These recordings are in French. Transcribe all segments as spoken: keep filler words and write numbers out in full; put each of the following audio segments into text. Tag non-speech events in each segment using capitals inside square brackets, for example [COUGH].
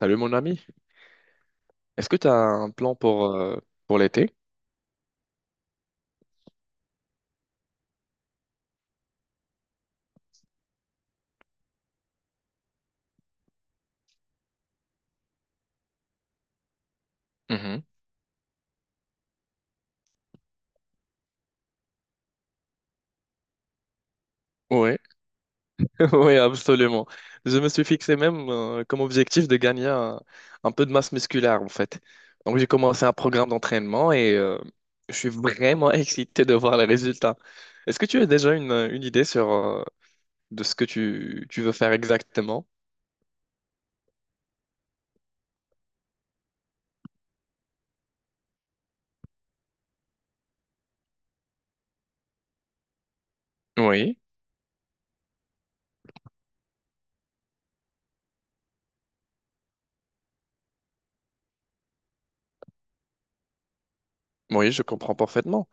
Salut mon ami, est-ce que tu as un plan pour, euh, pour l'été? Mhm. Oui, oui, [LAUGHS] absolument. Je me suis fixé même euh, comme objectif de gagner un, un peu de masse musculaire en fait. Donc j'ai commencé un programme d'entraînement et euh, je suis vraiment [LAUGHS] excité de voir les résultats. Est-ce que tu as déjà une, une idée sur euh, de ce que tu, tu veux faire exactement? Oui, oui, je comprends parfaitement.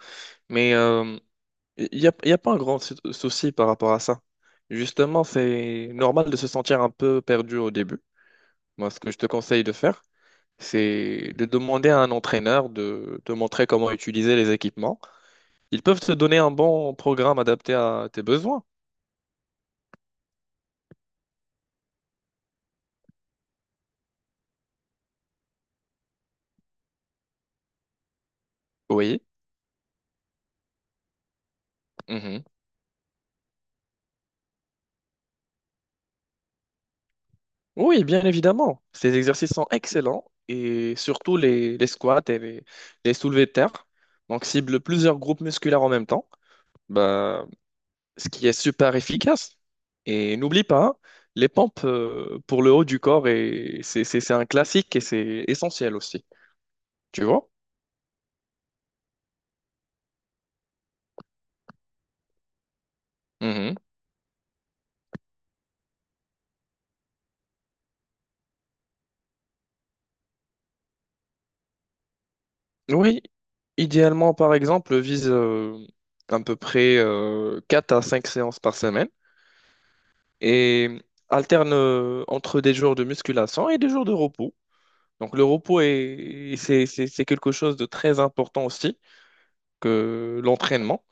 Mais euh, il n'y a, il y a pas un grand sou- souci par rapport à ça. Justement, c'est normal de se sentir un peu perdu au début. Moi, ce que je te conseille de faire, c'est de demander à un entraîneur de te montrer comment utiliser les équipements. Ils peuvent te donner un bon programme adapté à tes besoins. Oui. Mhm. Oui, bien évidemment. Ces exercices sont excellents, et surtout les, les squats et les, les soulevés de terre. Donc, cible plusieurs groupes musculaires en même temps. Bah, ce qui est super efficace. Et n'oublie pas, hein, les pompes euh, pour le haut du corps, et c'est c'est- c'est un classique et c'est essentiel aussi. Tu vois? Mhm. Oui, idéalement, par exemple, vise euh, à peu près euh, quatre à cinq séances par semaine et alterne euh, entre des jours de musculation et des jours de repos. Donc le repos est, c'est c'est- c'est quelque chose de très important aussi que l'entraînement.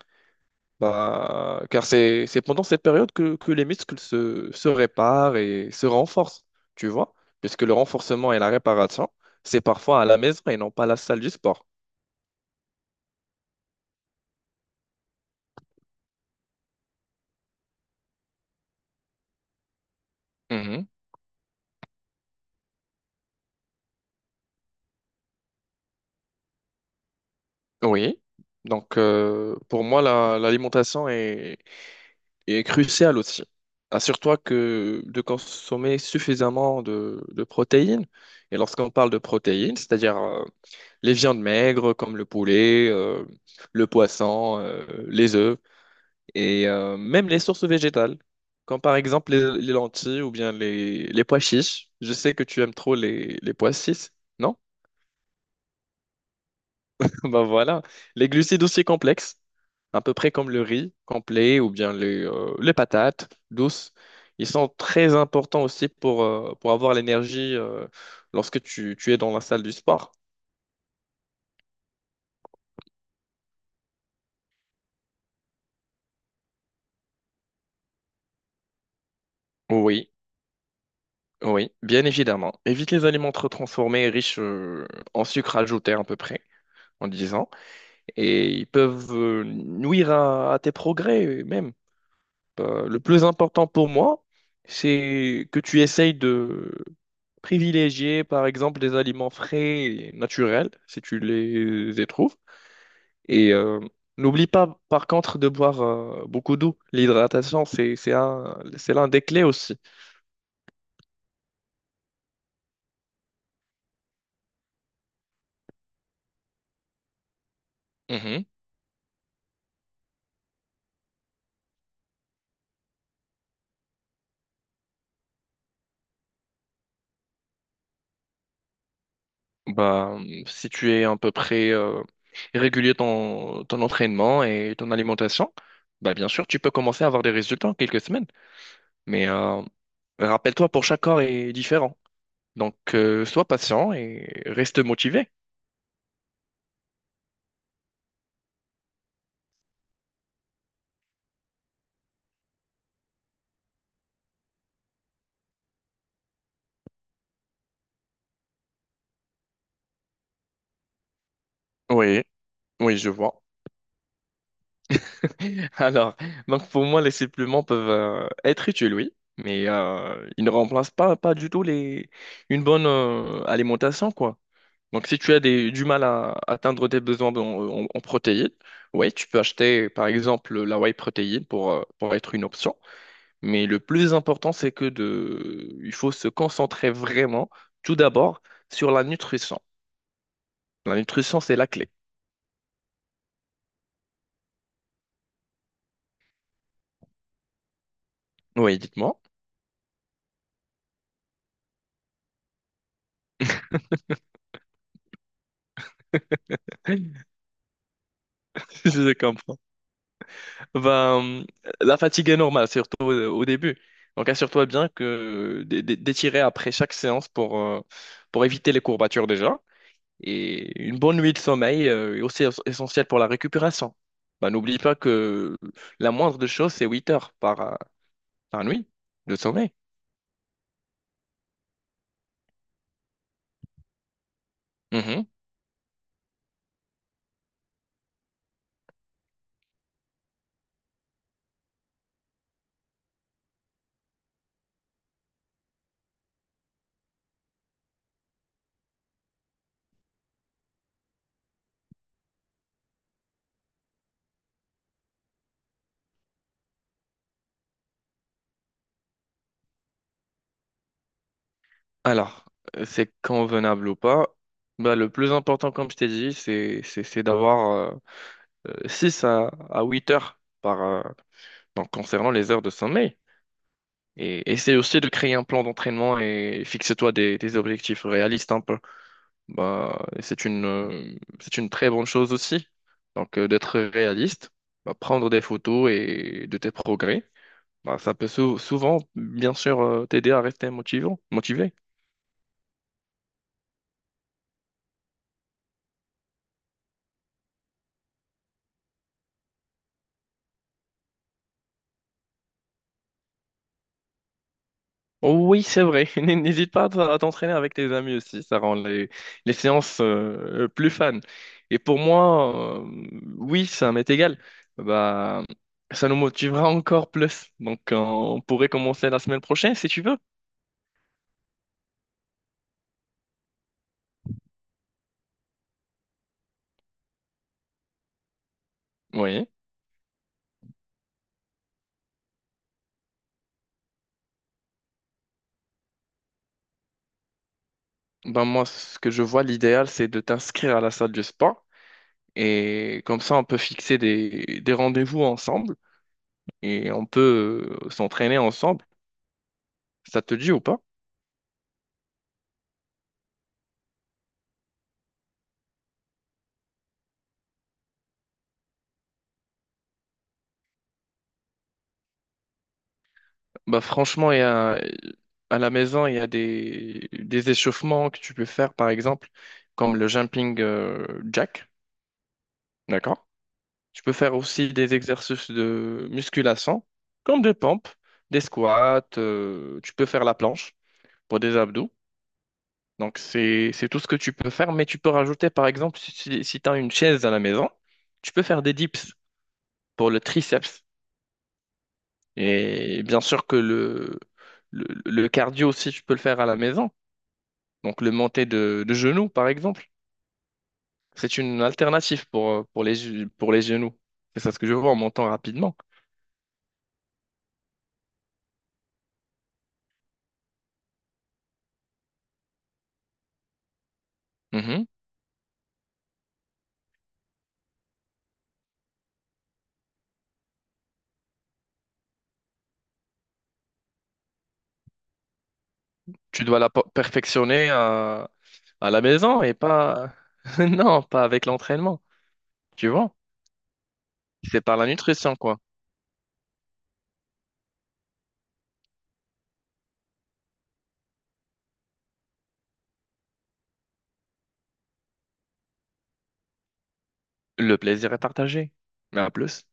Bah, car c'est c'est pendant cette période que, que les muscles se, se réparent et se renforcent, tu vois, puisque le renforcement et la réparation, c'est parfois à la maison et non pas à la salle du sport. Mhm. Oui. Donc, euh, pour moi, la- l'alimentation est, est cruciale aussi. Assure-toi que de consommer suffisamment de, de protéines. Et lorsqu'on parle de protéines, c'est-à-dire euh, les viandes maigres comme le poulet, euh, le poisson, euh, les œufs, et euh, même les sources végétales, comme par exemple les, les lentilles ou bien les, les pois chiches. Je sais que tu aimes trop les, les pois chiches, non? [LAUGHS] Ben voilà. Les glucides aussi complexes, à peu près comme le riz complet ou bien les, euh, les patates douces. Ils sont très importants aussi pour, euh, pour avoir l'énergie euh, lorsque tu, tu es dans la salle du sport. Oui, oui, bien évidemment. Évite les aliments trop transformés, et riches euh, en sucre ajouté à peu près, en disant. Et ils peuvent euh, nuire à, à tes progrès même. Euh, le plus important pour moi, c'est que tu essayes de privilégier, par exemple, des aliments frais et naturels, si tu les y trouves. Et euh, n'oublie pas, par contre, de boire euh, beaucoup d'eau. L'hydratation, c'est, c'est un- c'est l'un des clés aussi. Mhm. Bah, si tu es à peu près euh, régulier ton, ton entraînement et ton alimentation, bah, bien sûr, tu peux commencer à avoir des résultats en quelques semaines. Mais euh, rappelle-toi, pour chaque corps est différent. Donc, euh, sois patient et reste motivé. Oui, oui, je vois. [LAUGHS] Alors, donc pour moi, les suppléments peuvent euh, être utiles, oui, mais euh, ils ne remplacent pas, pas du tout les, une bonne euh, alimentation, quoi. Donc, si tu as des- du mal à atteindre tes besoins en, en- en protéines, oui, tu peux acheter par exemple la whey protéine pour, euh, pour être une option. Mais le plus important, c'est que de, il faut se concentrer vraiment, tout d'abord, sur la nutrition. La nutrition, c'est la clé. Oui, dites-moi. [LAUGHS] Je comprends. Ben, euh, la fatigue est normale, surtout au, au début. Donc, assure-toi bien que d- d- d'étirer après chaque séance pour, euh, pour éviter les courbatures déjà. Et une bonne nuit de sommeil euh, est aussi es- essentielle pour la récupération. Bah, n'oublie pas que la moindre des choses, c'est huit heures par, euh, par nuit de sommeil. Mhm. Alors, euh, c'est convenable ou pas? Bah, le plus important, comme je t'ai dit, c'est, c'est, c'est d'avoir euh, euh, six à, à huit heures par, euh, donc, concernant les heures de sommeil. Et essaie aussi de créer un plan d'entraînement et fixe-toi des, des objectifs réalistes, hein. Bah, et c'est une, euh, c'est une très bonne chose aussi. Donc, euh, d'être réaliste, bah, prendre des photos et de tes progrès, bah, ça peut sou- souvent, bien sûr, euh, t'aider à rester motivant, motivé. Oh oui, c'est vrai. [LAUGHS] N- N'hésite pas à à t'entraîner avec tes amis aussi. Ça rend les, les séances euh, plus fun. Et pour moi, euh, oui, ça m'est égal. Bah, ça nous motivera encore plus. Donc, on pourrait commencer la semaine prochaine si tu veux. Oui. Ben moi, ce que je vois, l'idéal, c'est de t'inscrire à la salle du spa. Et comme ça, on peut fixer des, des rendez-vous ensemble et on peut euh, s'entraîner ensemble. Ça te dit ou pas? Bah franchement, il y a, à la maison, il y a des, des échauffements que tu peux faire, par exemple, comme le jumping euh, jack. D'accord? Tu peux faire aussi des exercices de musculation, comme des pompes, des squats. euh, tu peux faire la planche pour des abdos. Donc, c'est, c'est tout ce que tu peux faire, mais tu peux rajouter, par exemple, si, si tu as une chaise à la maison, tu peux faire des dips pour le triceps. Et bien sûr que le, le, le cardio aussi, tu peux le faire à la maison. Donc, le monter de, de genoux, par exemple, c'est une alternative pour, euh, pour les, pour les genoux. C'est ça ce que je vois en montant rapidement. Mhm. Tu dois la per- perfectionner à, à la maison et pas... [LAUGHS] Non, pas avec l'entraînement, tu vois. C'est par la nutrition, quoi. Le plaisir est partagé. Mais à plus.